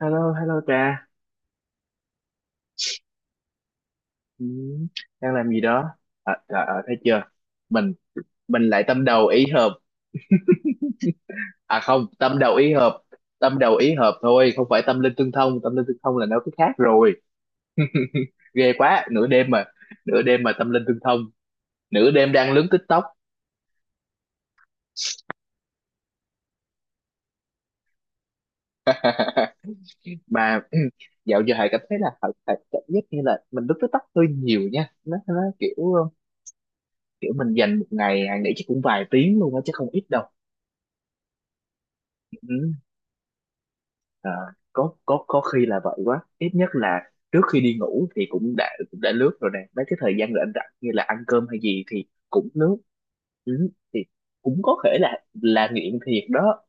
Hello, hello Trà. Ừ, đang làm gì đó? À, trời ơi, thấy chưa? Mình mình lại tâm đầu ý hợp. À không, tâm đầu ý hợp. Tâm đầu ý hợp thôi, không phải tâm linh tương thông. Tâm linh tương thông là nó cái khác rồi. Ghê quá, nửa đêm mà. Nửa đêm mà tâm linh tương thông. Nửa đêm đang lướt TikTok. Mà dạo giờ Hải cảm thấy là Hải cảm giác như là mình lướt TikTok hơi nhiều nha. Nó kiểu kiểu mình dành một ngày Hải nghĩ chắc cũng vài tiếng luôn á, chứ không ít đâu. Ừ. Ờ, có khi là vậy quá, ít nhất là trước khi đi ngủ thì cũng đã lướt rồi nè, mấy cái thời gian rảnh rảnh như là ăn cơm hay gì thì cũng lướt, thì cũng có thể là nghiện thiệt đó.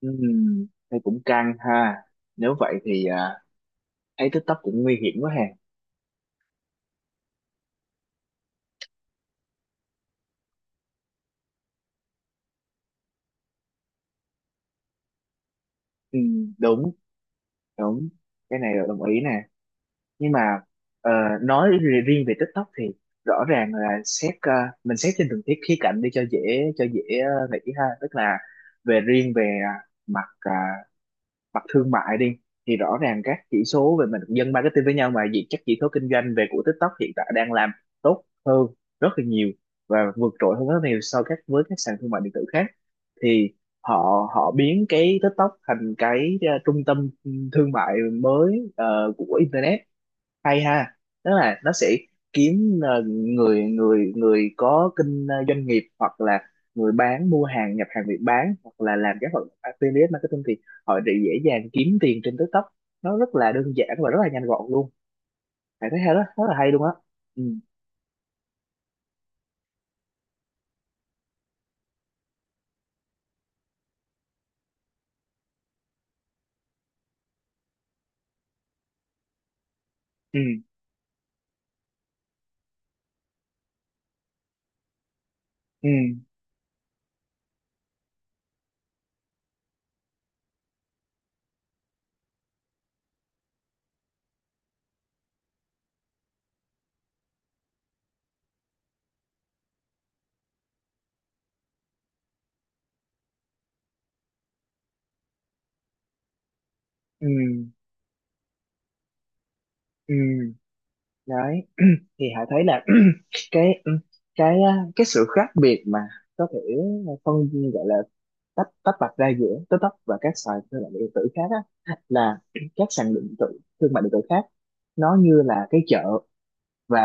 Ừm, thì cũng căng ha, nếu vậy thì thấy TikTok cũng nguy hiểm quá ha. Đúng, đúng, cái này là đồng ý nè, nhưng mà ờ, nói riêng về TikTok thì rõ ràng là mình xét trên từng thiết khía cạnh đi cho dễ nghĩ ha, tức là về mặt à, mặt thương mại đi thì rõ ràng các chỉ số, về mình dân marketing với nhau mà gì, các chỉ số kinh doanh của TikTok hiện tại đang làm tốt hơn rất là nhiều và vượt trội hơn rất nhiều so với các sàn thương mại điện tử khác, thì họ họ biến cái TikTok thành cái trung tâm thương mại mới của internet, hay ha. Tức là nó sẽ kiếm người người người có doanh nghiệp hoặc là người bán mua hàng, nhập hàng Việt bán hoặc là làm các hoạt động affiliate marketing, thì họ sẽ dễ dàng kiếm tiền trên TikTok. Nó rất là đơn giản và rất là nhanh gọn luôn, bạn thấy hay đó, rất là hay luôn á. Ừ, ừ, ừ, ừ, ừ. Đấy thì Hải thấy là cái cái cái sự khác biệt mà có thể phân gọi là tách tách bạch ra giữa TikTok và các sàn thương mại điện tử khác á, là các sàn điện tử thương mại điện tử khác nó như là cái chợ, và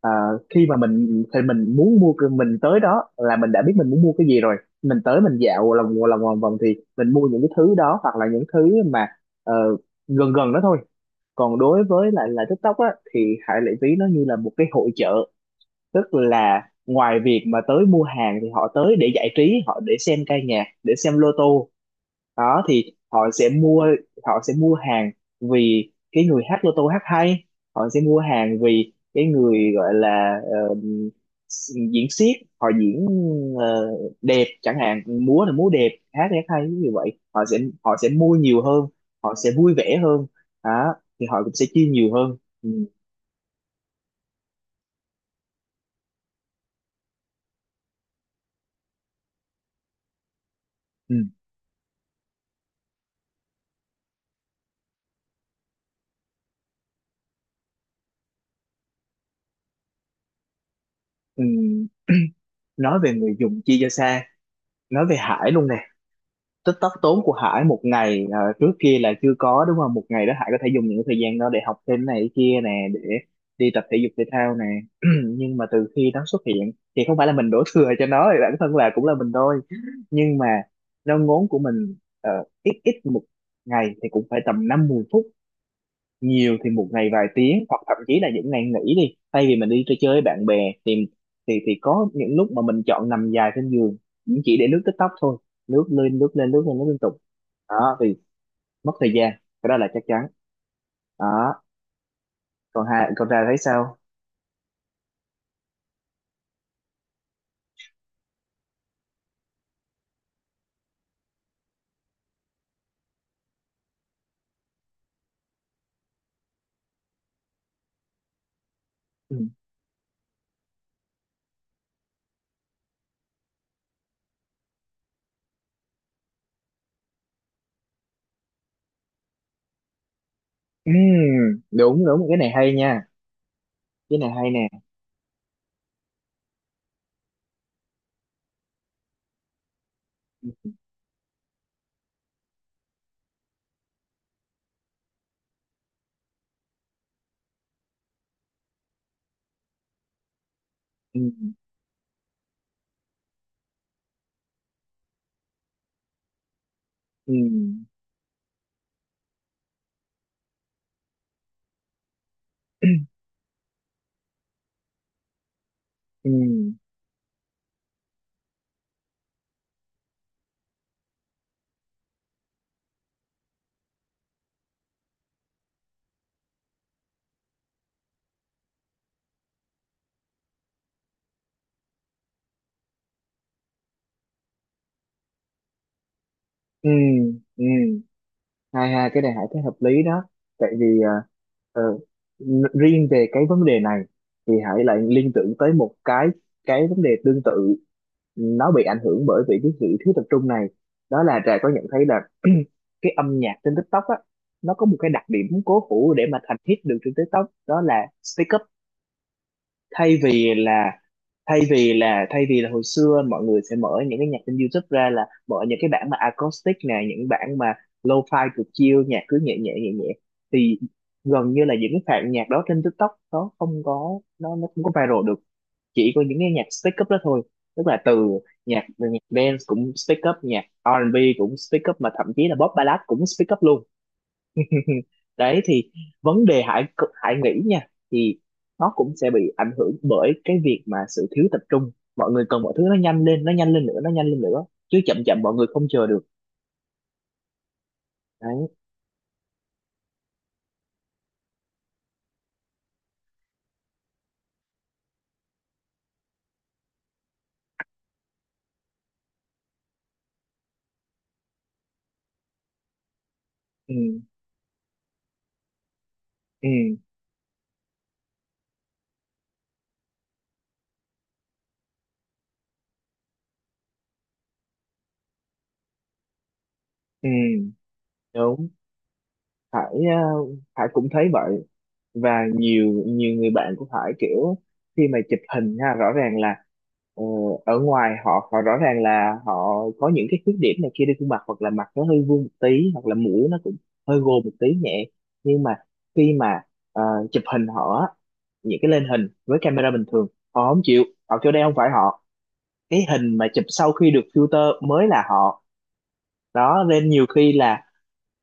ờ, khi mà mình thì mình muốn mua cái- mình tới đó là mình đã biết mình muốn mua cái gì rồi. Mình tới, mình dạo lòng vòng vòng thì mình mua những cái thứ đó, hoặc là những thứ mà ờ, gần gần đó thôi. Còn đối với lại là TikTok á thì Hải Lệ Ví nó như là một cái hội chợ, tức là ngoài việc mà tới mua hàng thì họ tới để giải trí, họ để xem ca nhạc, để xem lô tô, đó thì họ sẽ mua hàng vì cái người hát lô tô hát hay, họ sẽ mua hàng vì cái người gọi là diễn xiếc, họ diễn ờ, đẹp chẳng hạn, múa là múa đẹp, hát thì hát hay, như vậy họ sẽ mua nhiều hơn, họ sẽ vui vẻ hơn, đó thì họ cũng sẽ chi nhiều hơn, ừ. Ừ. Ừ. Nói về người dùng chia cho xa, nói về Hải luôn nè, tích tóc tốn của Hải một ngày, trước kia là chưa có đúng không, một ngày đó Hải có thể dùng những thời gian đó để học thêm này kia nè, để đi tập thể dục thể thao nè. Nhưng mà từ khi nó xuất hiện thì không phải là mình đổ thừa cho nó, thì bản thân là cũng là mình thôi. Nhưng mà nó ngốn của mình ít ít. Một ngày thì cũng phải tầm 5-10 phút, nhiều thì một ngày vài tiếng, hoặc thậm chí là những ngày nghỉ, đi thay vì mình đi chơi chơi với bạn bè thì thì có những lúc mà mình chọn nằm dài trên giường cũng chỉ để lướt TikTok thôi, lướt lên lướt lên lướt lên lướt liên tục, đó thì mất thời gian, cái đó là chắc chắn đó. Còn hai con ra thấy sao? Ừ. Ừ, đúng, đúng, cái này hay nha, cái này hay nè. Ừ. Ừ. Ừ. Ừ. Ừ. Ừ. hai hai cái này Hải thấy hợp lý đó, tại vì ờ, riêng về cái vấn đề này thì Hải lại liên tưởng tới một cái vấn đề tương tự, nó bị ảnh hưởng bởi vì cái sự thiếu tập trung này. Đó là Trà có nhận thấy là cái âm nhạc trên TikTok á, nó có một cái đặc điểm cố hữu để mà thành hit được trên TikTok, đó là speak up, thay vì là thay vì là thay vì là hồi xưa mọi người sẽ mở những cái nhạc trên YouTube ra là mở những cái bản mà acoustic nè, những bản mà lo-fi cực chill, nhạc cứ nhẹ nhẹ nhẹ nhẹ, thì gần như là những cái phạt nhạc đó trên TikTok nó không có viral được, chỉ có những cái nhạc speak up đó thôi. Tức là từ nhạc nhạc dance cũng speak up, nhạc R&B cũng speak up, mà thậm chí là pop ballad cũng speak up luôn. Ừ. Đấy thì vấn đề Hải Hải nghĩ nha, thì nó cũng sẽ bị ảnh hưởng bởi cái việc mà sự thiếu tập trung, mọi người cần mọi thứ nó nhanh lên, nó nhanh lên nữa, nó nhanh lên nữa chứ, chậm chậm mọi người không chờ được. Đấy. Ừ, ừ, ừ, đúng. Hải ờ, Hải cũng thấy vậy, và nhiều nhiều người bạn cũng phải kiểu khi mà chụp hình ha, rõ ràng là ờ, ở ngoài, họ họ rõ ràng là họ có những cái khuyết điểm này kia trên khuôn mặt, hoặc là mặt nó hơi vuông một tí, hoặc là mũi nó cũng hơi gồ một tí nhẹ, nhưng mà khi mà ờ, chụp hình họ á, những cái lên hình với camera bình thường họ không chịu, họ kêu đây không phải họ, cái hình mà chụp sau khi được filter mới là họ, đó nên nhiều khi là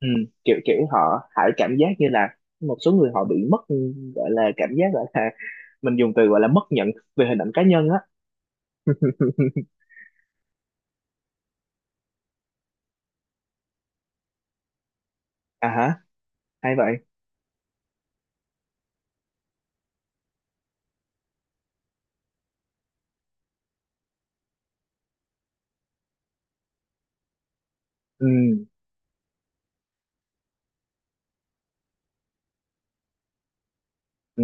ừ, kiểu kiểu họ hại, cảm giác như là một số người họ bị mất, gọi là cảm giác, gọi là mình dùng từ gọi là mất nhận về hình ảnh cá nhân á. À hả, hay vậy. Ừ, ừ,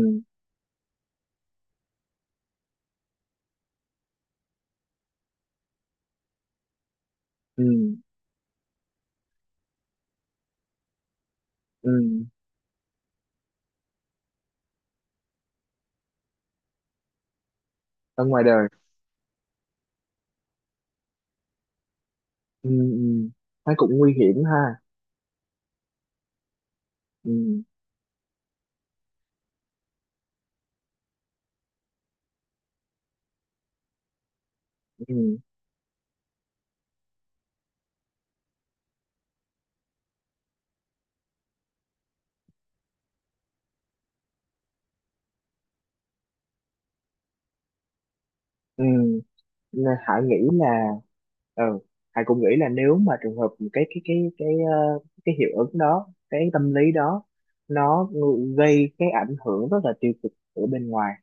ừ, ừ. Ở ngoài đời. Ừ, ừ. Nó cũng nguy hiểm ha. Ừ, ừ, ừ. Nên Hải nghĩ là. Ừ. Hải cũng nghĩ là nếu mà trường hợp cái cái cái cái ờ, cái hiệu ứng đó, cái tâm lý đó, nó gây cái ảnh hưởng rất là tiêu cực ở bên ngoài,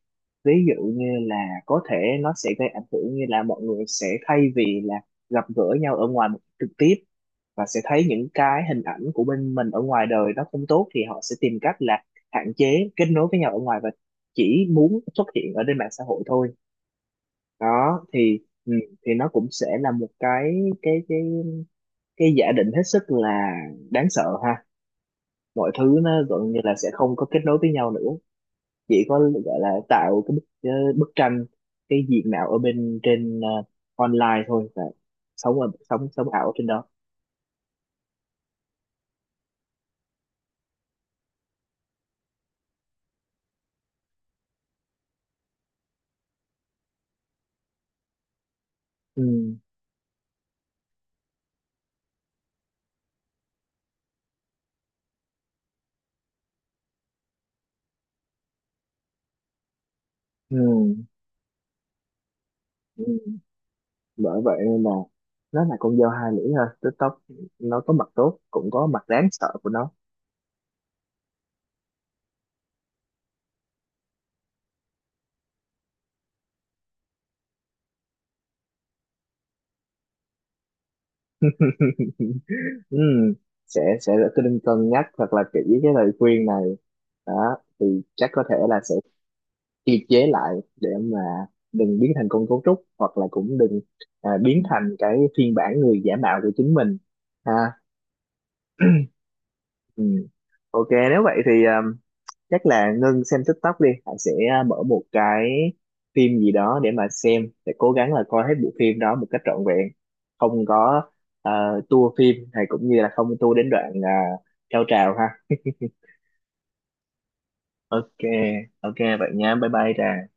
ví dụ như là có thể nó sẽ gây ảnh hưởng như là mọi người sẽ thay vì là gặp gỡ nhau ở ngoài một cách trực tiếp và sẽ thấy những cái hình ảnh của bên mình ở ngoài đời nó không tốt, thì họ sẽ tìm cách là hạn chế kết nối với nhau ở ngoài và chỉ muốn xuất hiện ở trên mạng xã hội thôi. Đó thì ừ, thì nó cũng sẽ là một cái cái cái giả định hết sức là đáng sợ ha, mọi thứ nó gần như là sẽ không có kết nối với nhau nữa, chỉ có gọi là tạo cái bức tranh, cái diện mạo ở bên trên online thôi, và sống ảo ở trên đó. Ừ, ừ, ừ. Bởi vậy nên là nó là con dao hai lưỡi ha, TikTok, nó có mặt tốt cũng có mặt đáng sợ của nó. Ừ, sẽ tôi nên cân nhắc thật là kỹ cái lời khuyên này, đó thì chắc có thể là sẽ kiềm chế lại để mà đừng biến thành con cấu trúc, hoặc là cũng đừng biến thành cái phiên bản người giả mạo của chính mình ha. Ừ. Ok, nếu vậy thì chắc là Ngân xem TikTok đi, Hải sẽ mở một cái phim gì đó để mà xem, để cố gắng là coi hết bộ phim đó một cách trọn vẹn, không có tua phim hay cũng như là không tua đến đoạn cao trào ha. Ok. Ok vậy nhá, bye bye Trà.